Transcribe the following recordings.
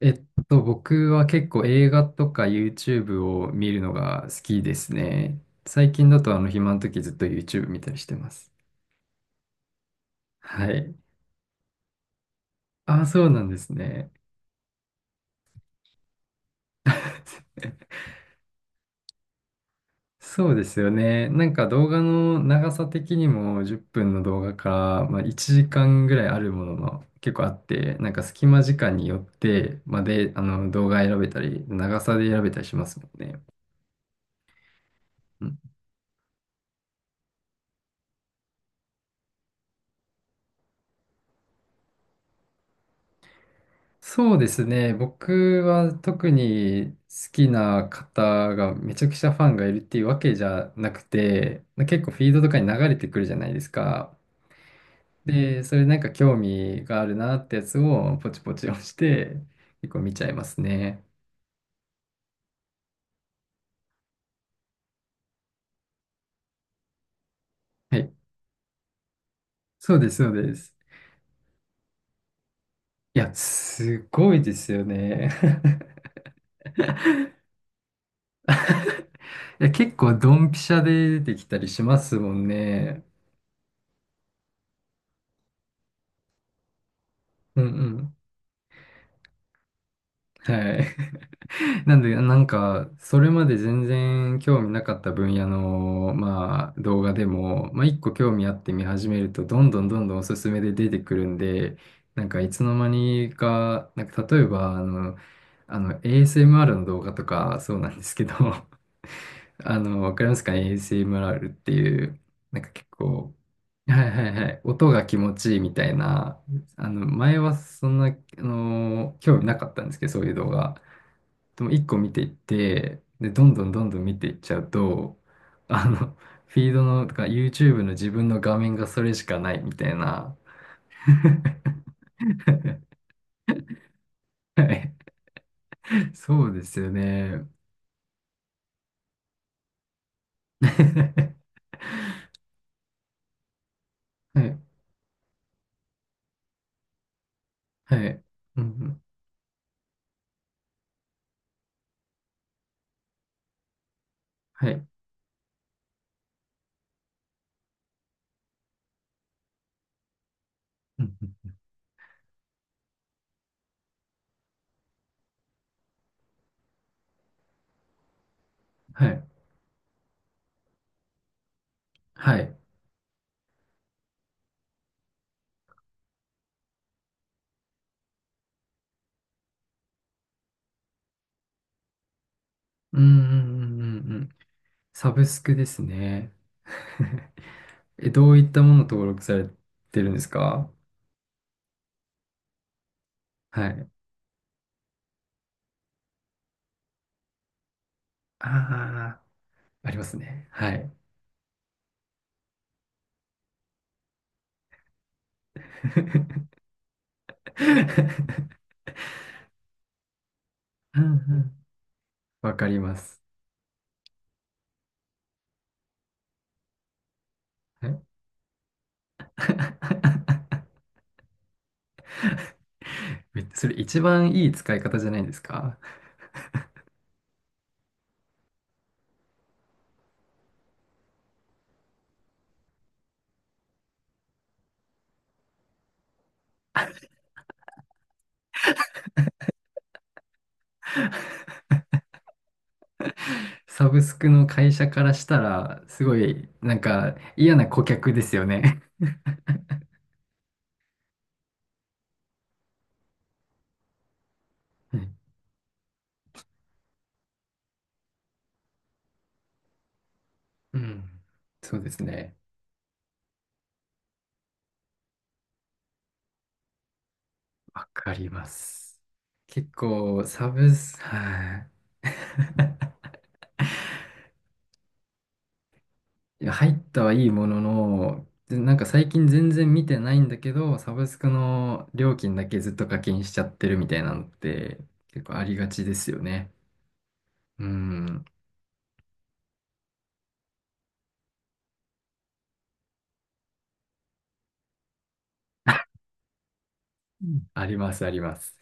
僕は結構映画とか YouTube を見るのが好きですね。最近だと暇の時ずっと YouTube 見たりしてます。はい。ああ、そうなんですね。そうですよね。なんか動画の長さ的にも10分の動画から、まあ、1時間ぐらいあるものも結構あって、なんか隙間時間によって、まあ、で、あの動画選べたり、長さで選べたりしますもんね。そうですね。僕は特に好きな方がめちゃくちゃファンがいるっていうわけじゃなくて、結構フィードとかに流れてくるじゃないですか。で、それなんか興味があるなってやつをポチポチ押して、結構見ちゃいますね。はい。そうです、そうです。いや、すごいですよね。いや、結構ドンピシャで出てきたりしますもんね。うんうん。はい。なんで、なんか、それまで全然興味なかった分野の、まあ、動画でも、まあ、一個興味あって見始めると、どんどんどんどんおすすめで出てくるんで、なんか、いつの間にか、なんか、例えば、ASMR の動画とか、そうなんですけど、わかりますか ?ASMR っていう、なんか結構、はいはいはい、音が気持ちいいみたいな、前はそんな、興味なかったんですけど、そういう動画。でも一個見ていって、で、どんどんどんどん見ていっちゃうと、あの、フィードの、とか YouTube の自分の画面がそれしかないみたいな。はい。そうですよね。はい。はい。うん。うんはい。うんうんはい。はい。うんうんうんうんうん。サブスクですね。え、どういったもの登録されてるんですか？はい。ああ、ありますね。はい。うんうんわかります。はい それ一番いい使い方じゃないですか？サブスクの会社からしたら、すごい、なんか嫌な顧客ですよね。うんうんそうですね。わかります。結構、サブス、はい。いや入ったはいいものの、でなんか最近全然見てないんだけど、サブスクの料金だけずっと課金しちゃってるみたいなのって結構ありがちですよね。うん。うんあります、あります。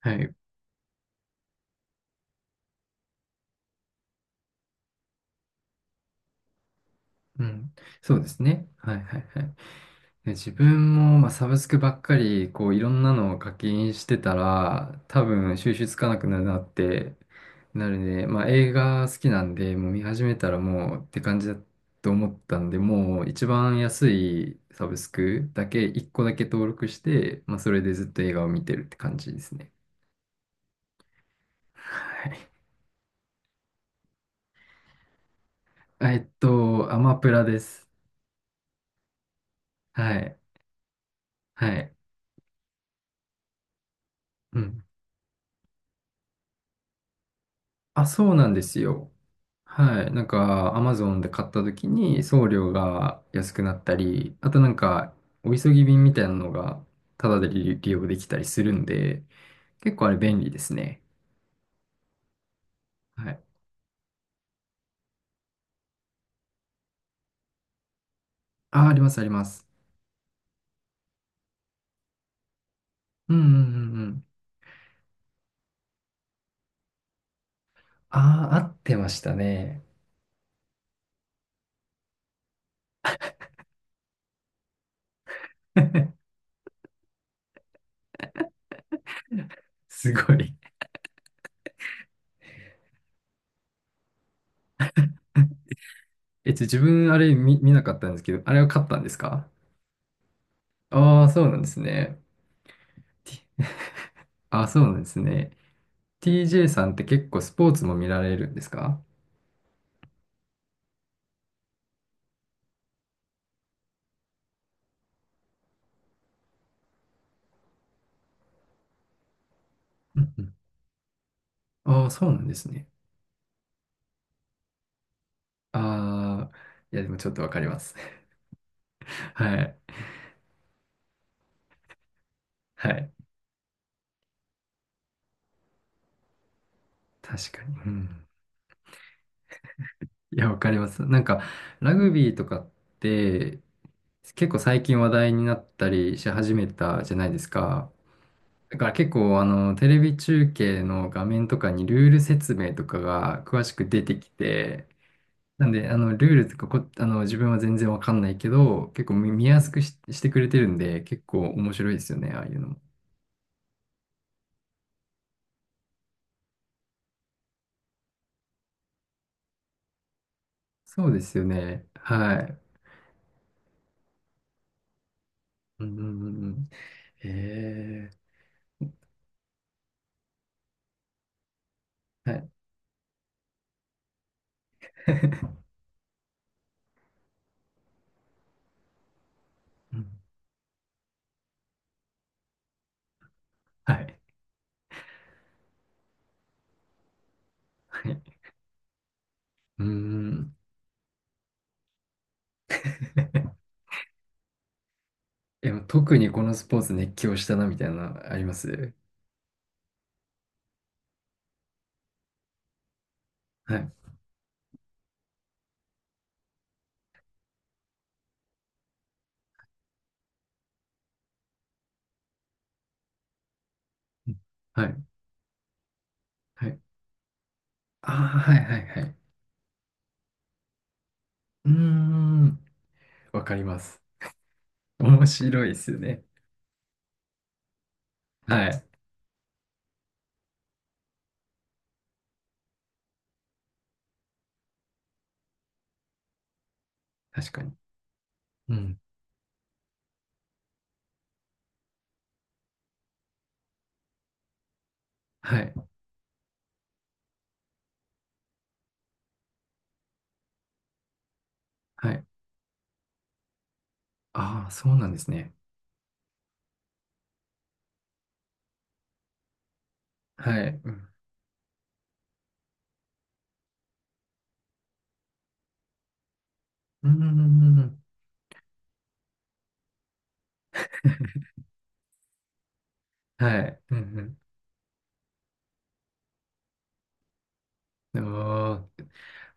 はい。うん。そうですね。はい、はい、はい。で自分も、まあ、サブスクばっかり、こう、いろんなのを課金してたら、多分、収集つかなくなるなって、なるね。まあ、映画好きなんで、もう見始めたらもうって感じだと思ったんで、もう一番安いサブスクだけ、1個だけ登録して、まあ、それでずっと映画を見てるって感じですね。はい。アマプラです。はい。はい。うんあ、そうなんですよ。はい。なんか、アマゾンで買った時に送料が安くなったり、あとなんか、お急ぎ便みたいなのが、タダで利用できたりするんで、結構あれ便利ですね。はい。あ、あります、あります。うんうんうんうん。ああ、合ってましたね。すごい。え、自分あれ見なかったんですけど、あれは買ったんですか？ああー、そうなんですね。T- ああ、そうなんですね。TJ さんって結構スポーツも見られるんですか？うん ああ、そうなんですね。ああ、いや、でもちょっとわかります。はい。はい。確かに。うん。いや、わかります。なんか、ラグビーとかって、結構最近話題になったりし始めたじゃないですか。だから結構、テレビ中継の画面とかにルール説明とかが詳しく出てきて、なんで、ルールとか自分は全然わかんないけど、結構見やすくしてくれてるんで、結構面白いですよね、ああいうのも。そうですよね。はい。うんうんうんうん。へえ。はい。うんはい。はい。うん。え、特にこのスポーツ熱狂したなみたいなのあります？はい。うんはい。はい。ああ、はいはいはい。うーん。わかります。面白いですよね。はい。確かに。うん。はい。はい。ああ、そうなんですね。はい。うん。うんうんうんうんはい。うんうん。ああ。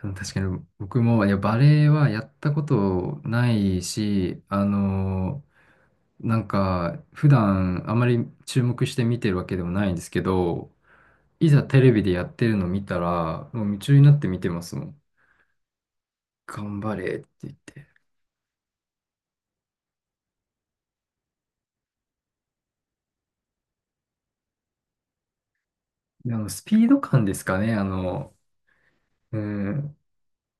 確かに僕も、いや、バレエはやったことないし、なんか、普段あまり注目して見てるわけでもないんですけど、いざテレビでやってるの見たら、もう夢中になって見てますもん。頑張れって言って。で、スピード感ですかね、うん、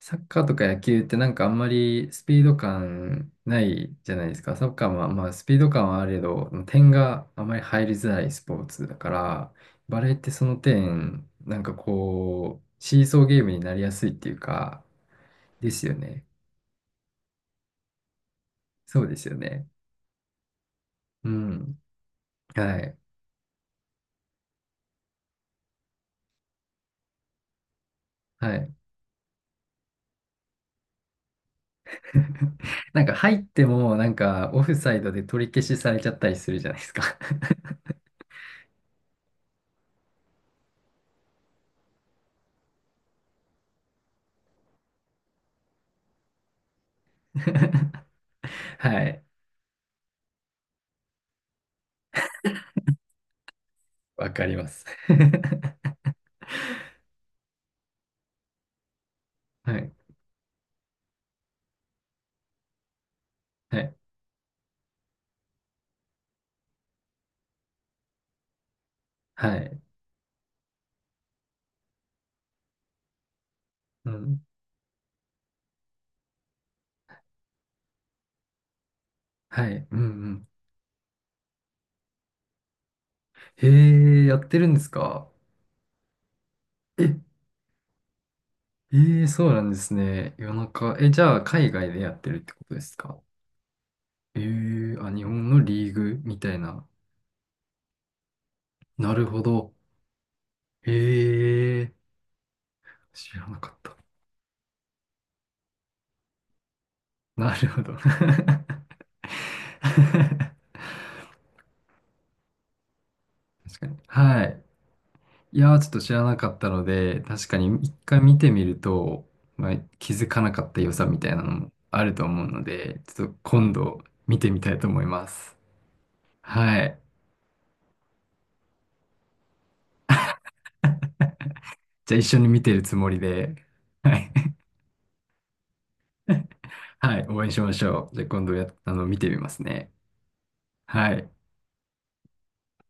サッカーとか野球ってなんかあんまりスピード感ないじゃないですか。サッカーはまあスピード感はあれど、点があまり入りづらいスポーツだから、バレーってその点、なんかこう、シーソーゲームになりやすいっていうか、ですよね。そうですよね。うん。はい。はい。なんか入ってもなんかオフサイドで取り消しされちゃったりするじゃないですか。はい。わかります。はい。はい。はい。うん。はい。うんうん。へえ、やってるんですか？え、ええ、そうなんですね。夜中。え、じゃあ、海外でやってるってことですか？ええ、あ、日本のリーグみたいな。なるほど。ええ、知らなかった。なるほど。確かに。はい。いやー、ちょっと知らなかったので、確かに一回見てみると、まあ、気づかなかった良さみたいなのもあると思うので、ちょっと今度見てみたいと思います。はい。じゃあ一緒に見てるつもりで、はい。はい、応援しましょう。じゃあ今度や、あの、見てみますね。はい。